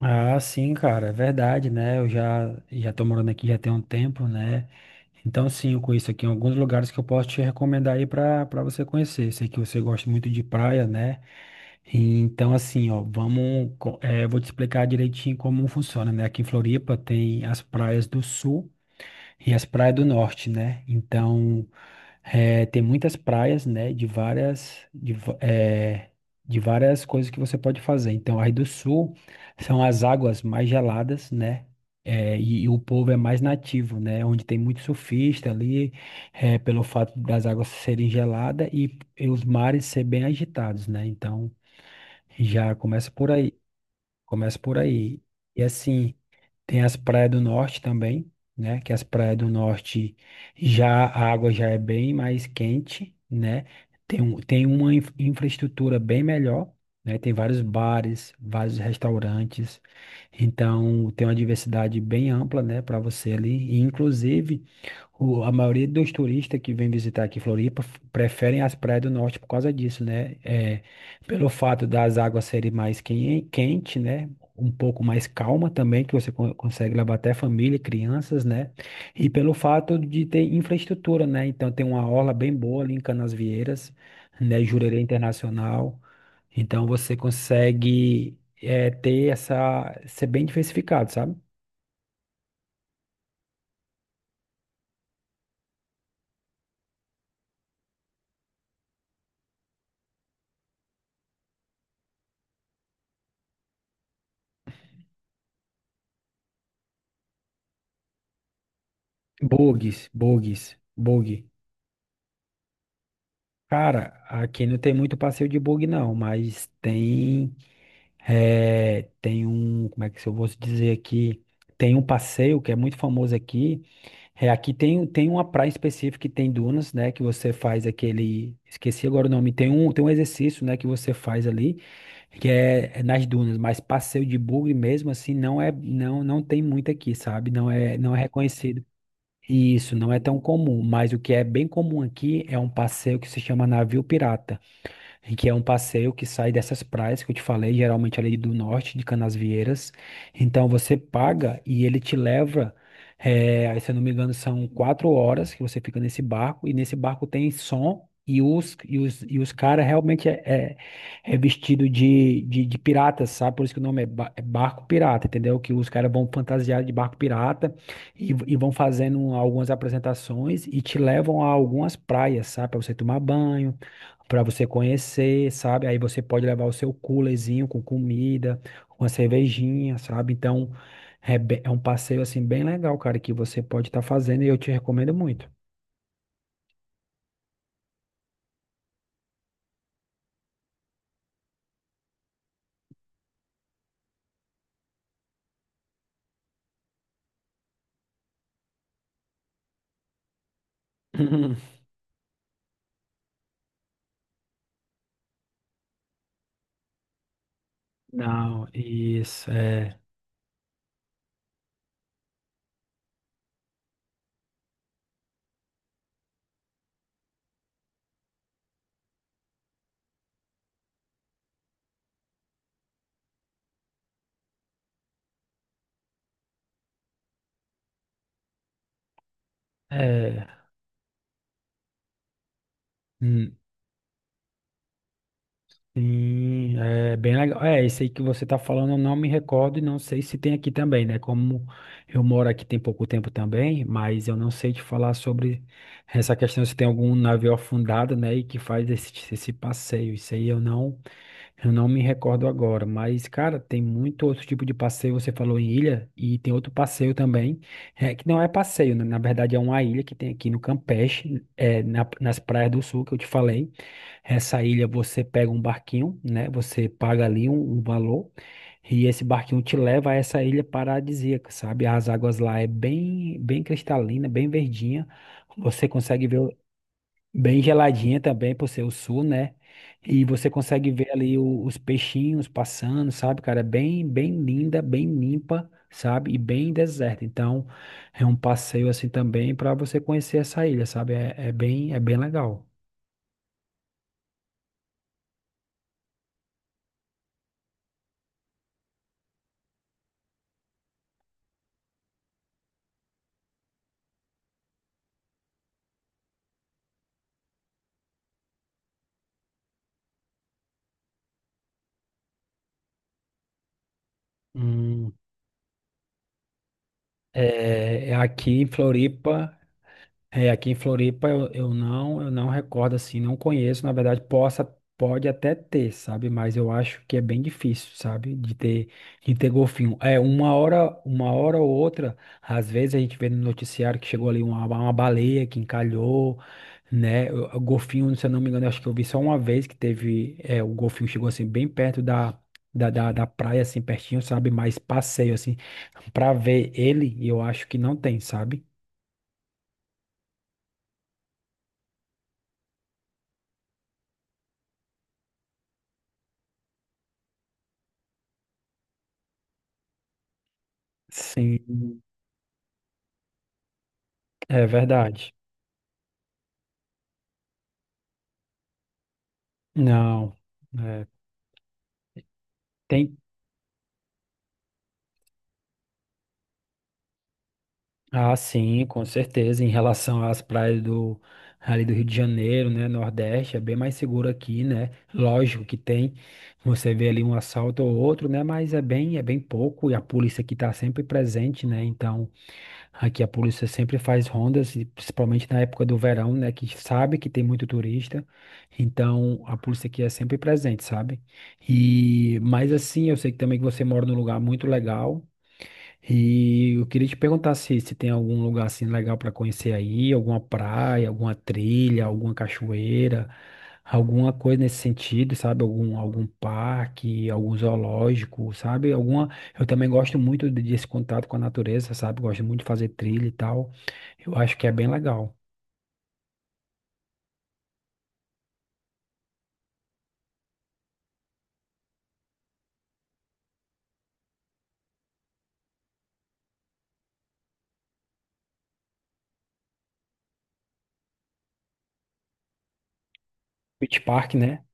Ah, sim, cara, é verdade, né? Eu já tô morando aqui já tem um tempo, né? Então, sim, eu conheço aqui alguns lugares que eu posso te recomendar aí para você conhecer. Sei que você gosta muito de praia, né? Então, assim, ó, vamos, eu vou te explicar direitinho como funciona, né? Aqui em Floripa tem as praias do Sul e as praias do Norte, né? Então, tem muitas praias, né, de várias, de, va- é, de várias coisas que você pode fazer. Então, aí do sul são as águas mais geladas, né, e o povo é mais nativo, né, onde tem muito surfista ali, pelo fato das águas serem geladas e os mares ser bem agitados, né. Então, já começa por aí. Começa por aí. E assim, tem as praias do norte também, né? Que as praias do norte já a água já é bem mais quente, né? Tem uma infraestrutura bem melhor, né? Tem vários bares, vários restaurantes. Então, tem uma diversidade bem ampla, né, para você ali. E, inclusive, a maioria dos turistas que vem visitar aqui Floripa preferem as praias do norte por causa disso, né? Pelo fato das águas serem mais quente, né? Um pouco mais calma também, que você consegue levar até família, crianças, né? E pelo fato de ter infraestrutura, né? Então tem uma orla bem boa ali em Canasvieiras, né? Jurerê Internacional. Então você consegue ser bem diversificado, sabe? Bogues, bug. Cara, aqui não tem muito passeio de bug não, mas tem um, como é que se eu vou dizer aqui, tem um passeio que é muito famoso aqui, aqui tem uma praia específica que tem dunas, né, que você faz aquele, esqueci agora o nome, tem um exercício, né, que você faz ali, que é nas dunas, mas passeio de bug mesmo assim não tem muito aqui, sabe, não é reconhecido. Isso não é tão comum, mas o que é bem comum aqui é um passeio que se chama navio pirata em que é um passeio que sai dessas praias que eu te falei, geralmente ali do norte, de Canasvieiras. Então você paga e ele te leva, aí, se eu não me engano, são 4 horas que você fica nesse barco, e nesse barco tem som. E os caras realmente é vestido de piratas, sabe? Por isso que o nome é barco pirata, entendeu? Que os caras vão fantasiados de barco pirata e vão fazendo algumas apresentações e te levam a algumas praias, sabe? Para você tomar banho, para você conhecer, sabe? Aí você pode levar o seu coolerzinho com comida, uma cervejinha, sabe? Então, é um passeio assim bem legal, cara, que você pode estar fazendo e eu te recomendo muito. Não, isso é. Sim, é bem legal. Esse aí que você está falando, eu não me recordo e não sei se tem aqui também, né? Como eu moro aqui tem pouco tempo também, mas eu não sei te falar sobre essa questão se tem algum navio afundado, né? E que faz esse, esse passeio. Isso aí eu não. Eu não me recordo agora, mas, cara, tem muito outro tipo de passeio. Você falou em ilha, e tem outro passeio também, é, que não é passeio, né? Na verdade é uma ilha que tem aqui no Campeche, nas praias do sul que eu te falei. Essa ilha você pega um barquinho, né? Você paga ali um, um valor, e esse barquinho te leva a essa ilha paradisíaca, sabe? As águas lá é bem, bem cristalina, bem verdinha. Você consegue ver. Bem geladinha também, por ser o sul, né? E você consegue ver ali os peixinhos passando, sabe, cara? É bem, bem linda, bem limpa, sabe? E bem deserta. Então, é um passeio assim também para você conhecer essa ilha, sabe? É, é bem legal. Hum, é aqui em Floripa. Aqui em Floripa eu não recordo assim, não conheço, na verdade, pode até ter, sabe? Mas eu acho que é bem difícil, sabe? de ter golfinho. Uma hora ou outra, às vezes a gente vê no noticiário que chegou ali uma baleia que encalhou, né? O golfinho, se eu não me engano, eu acho que eu vi só uma vez que teve, o golfinho chegou assim bem perto da da praia, assim, pertinho, sabe? Mas passeio, assim, pra ver ele, eu acho que não tem, sabe? Sim. É verdade. Não, é, tem. Ah, sim, com certeza. Em relação às praias do ali do Rio de Janeiro, né, Nordeste, é bem mais seguro aqui, né? Lógico que tem. Você vê ali um assalto ou outro, né? Mas é bem pouco e a polícia aqui está sempre presente, né? Então aqui a polícia sempre faz rondas, e principalmente na época do verão, né? Que sabe que tem muito turista. Então a polícia aqui é sempre presente, sabe? Mas assim, eu sei que também que você mora num lugar muito legal. E eu queria te perguntar se, se tem algum lugar assim legal para conhecer aí, alguma praia, alguma trilha, alguma cachoeira, alguma coisa nesse sentido, sabe? Algum, algum parque, algum zoológico, sabe? Alguma. Eu também gosto muito desse contato com a natureza, sabe? Gosto muito de fazer trilha e tal. Eu acho que é bem legal. Beach Park, né?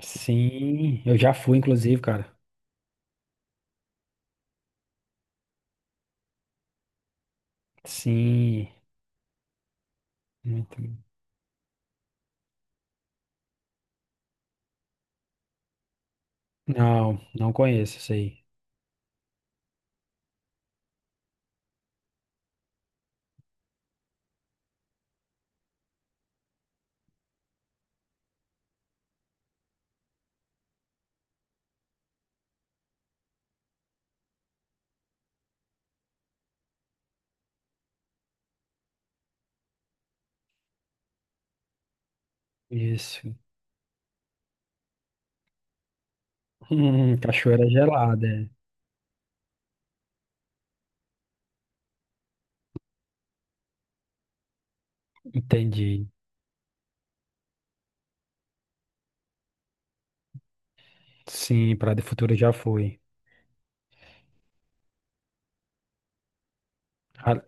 Sim, eu já fui, inclusive, cara. Sim, muito. Não, não conheço isso aí. Isso. Cachoeira gelada. É. Entendi. Sim, Praia do Futuro já foi. A-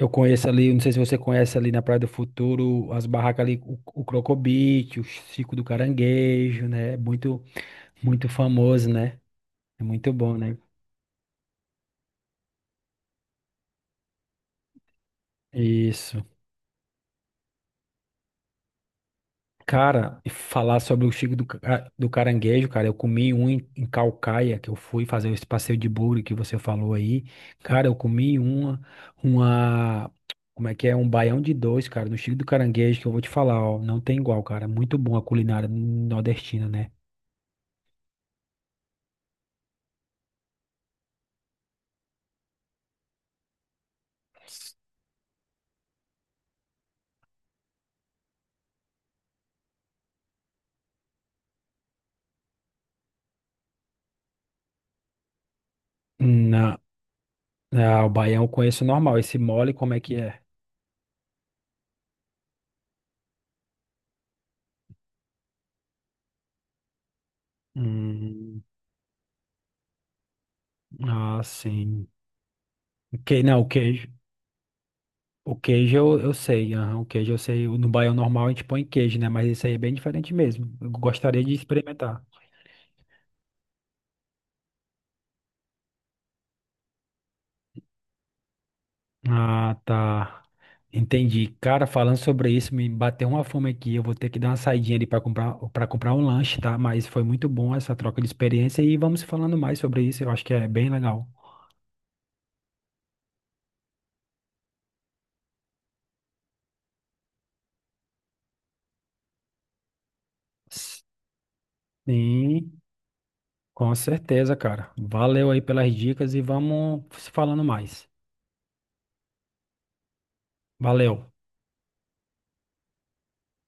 Eu conheço ali, não sei se você conhece ali na Praia do Futuro, as barracas ali, o Crocobit, o Chico do Caranguejo, né? Muito, muito famoso, né? É muito bom, né? Isso. Cara, e falar sobre o Chico do Caranguejo, cara, eu comi um em, em Caucaia, que eu fui fazer esse passeio de bugre que você falou aí. Cara, eu comi uma, como é que é? Um baião de dois, cara, no Chico do Caranguejo, que eu vou te falar, ó, não tem igual, cara. Muito bom a culinária nordestina, né? Na, o baião eu conheço normal, esse mole, como é que é? Hum, ah, sim. Não, o queijo. O queijo eu sei, aham, o queijo eu sei. No baião normal a gente põe queijo, né? Mas isso aí é bem diferente mesmo. Eu gostaria de experimentar. Ah, tá. Entendi. Cara, falando sobre isso, me bateu uma fome aqui. Eu vou ter que dar uma saidinha ali para comprar um lanche, tá? Mas foi muito bom essa troca de experiência e vamos falando mais sobre isso. Eu acho que é bem legal. Sim, com certeza, cara. Valeu aí pelas dicas e vamos se falando mais. Valeu.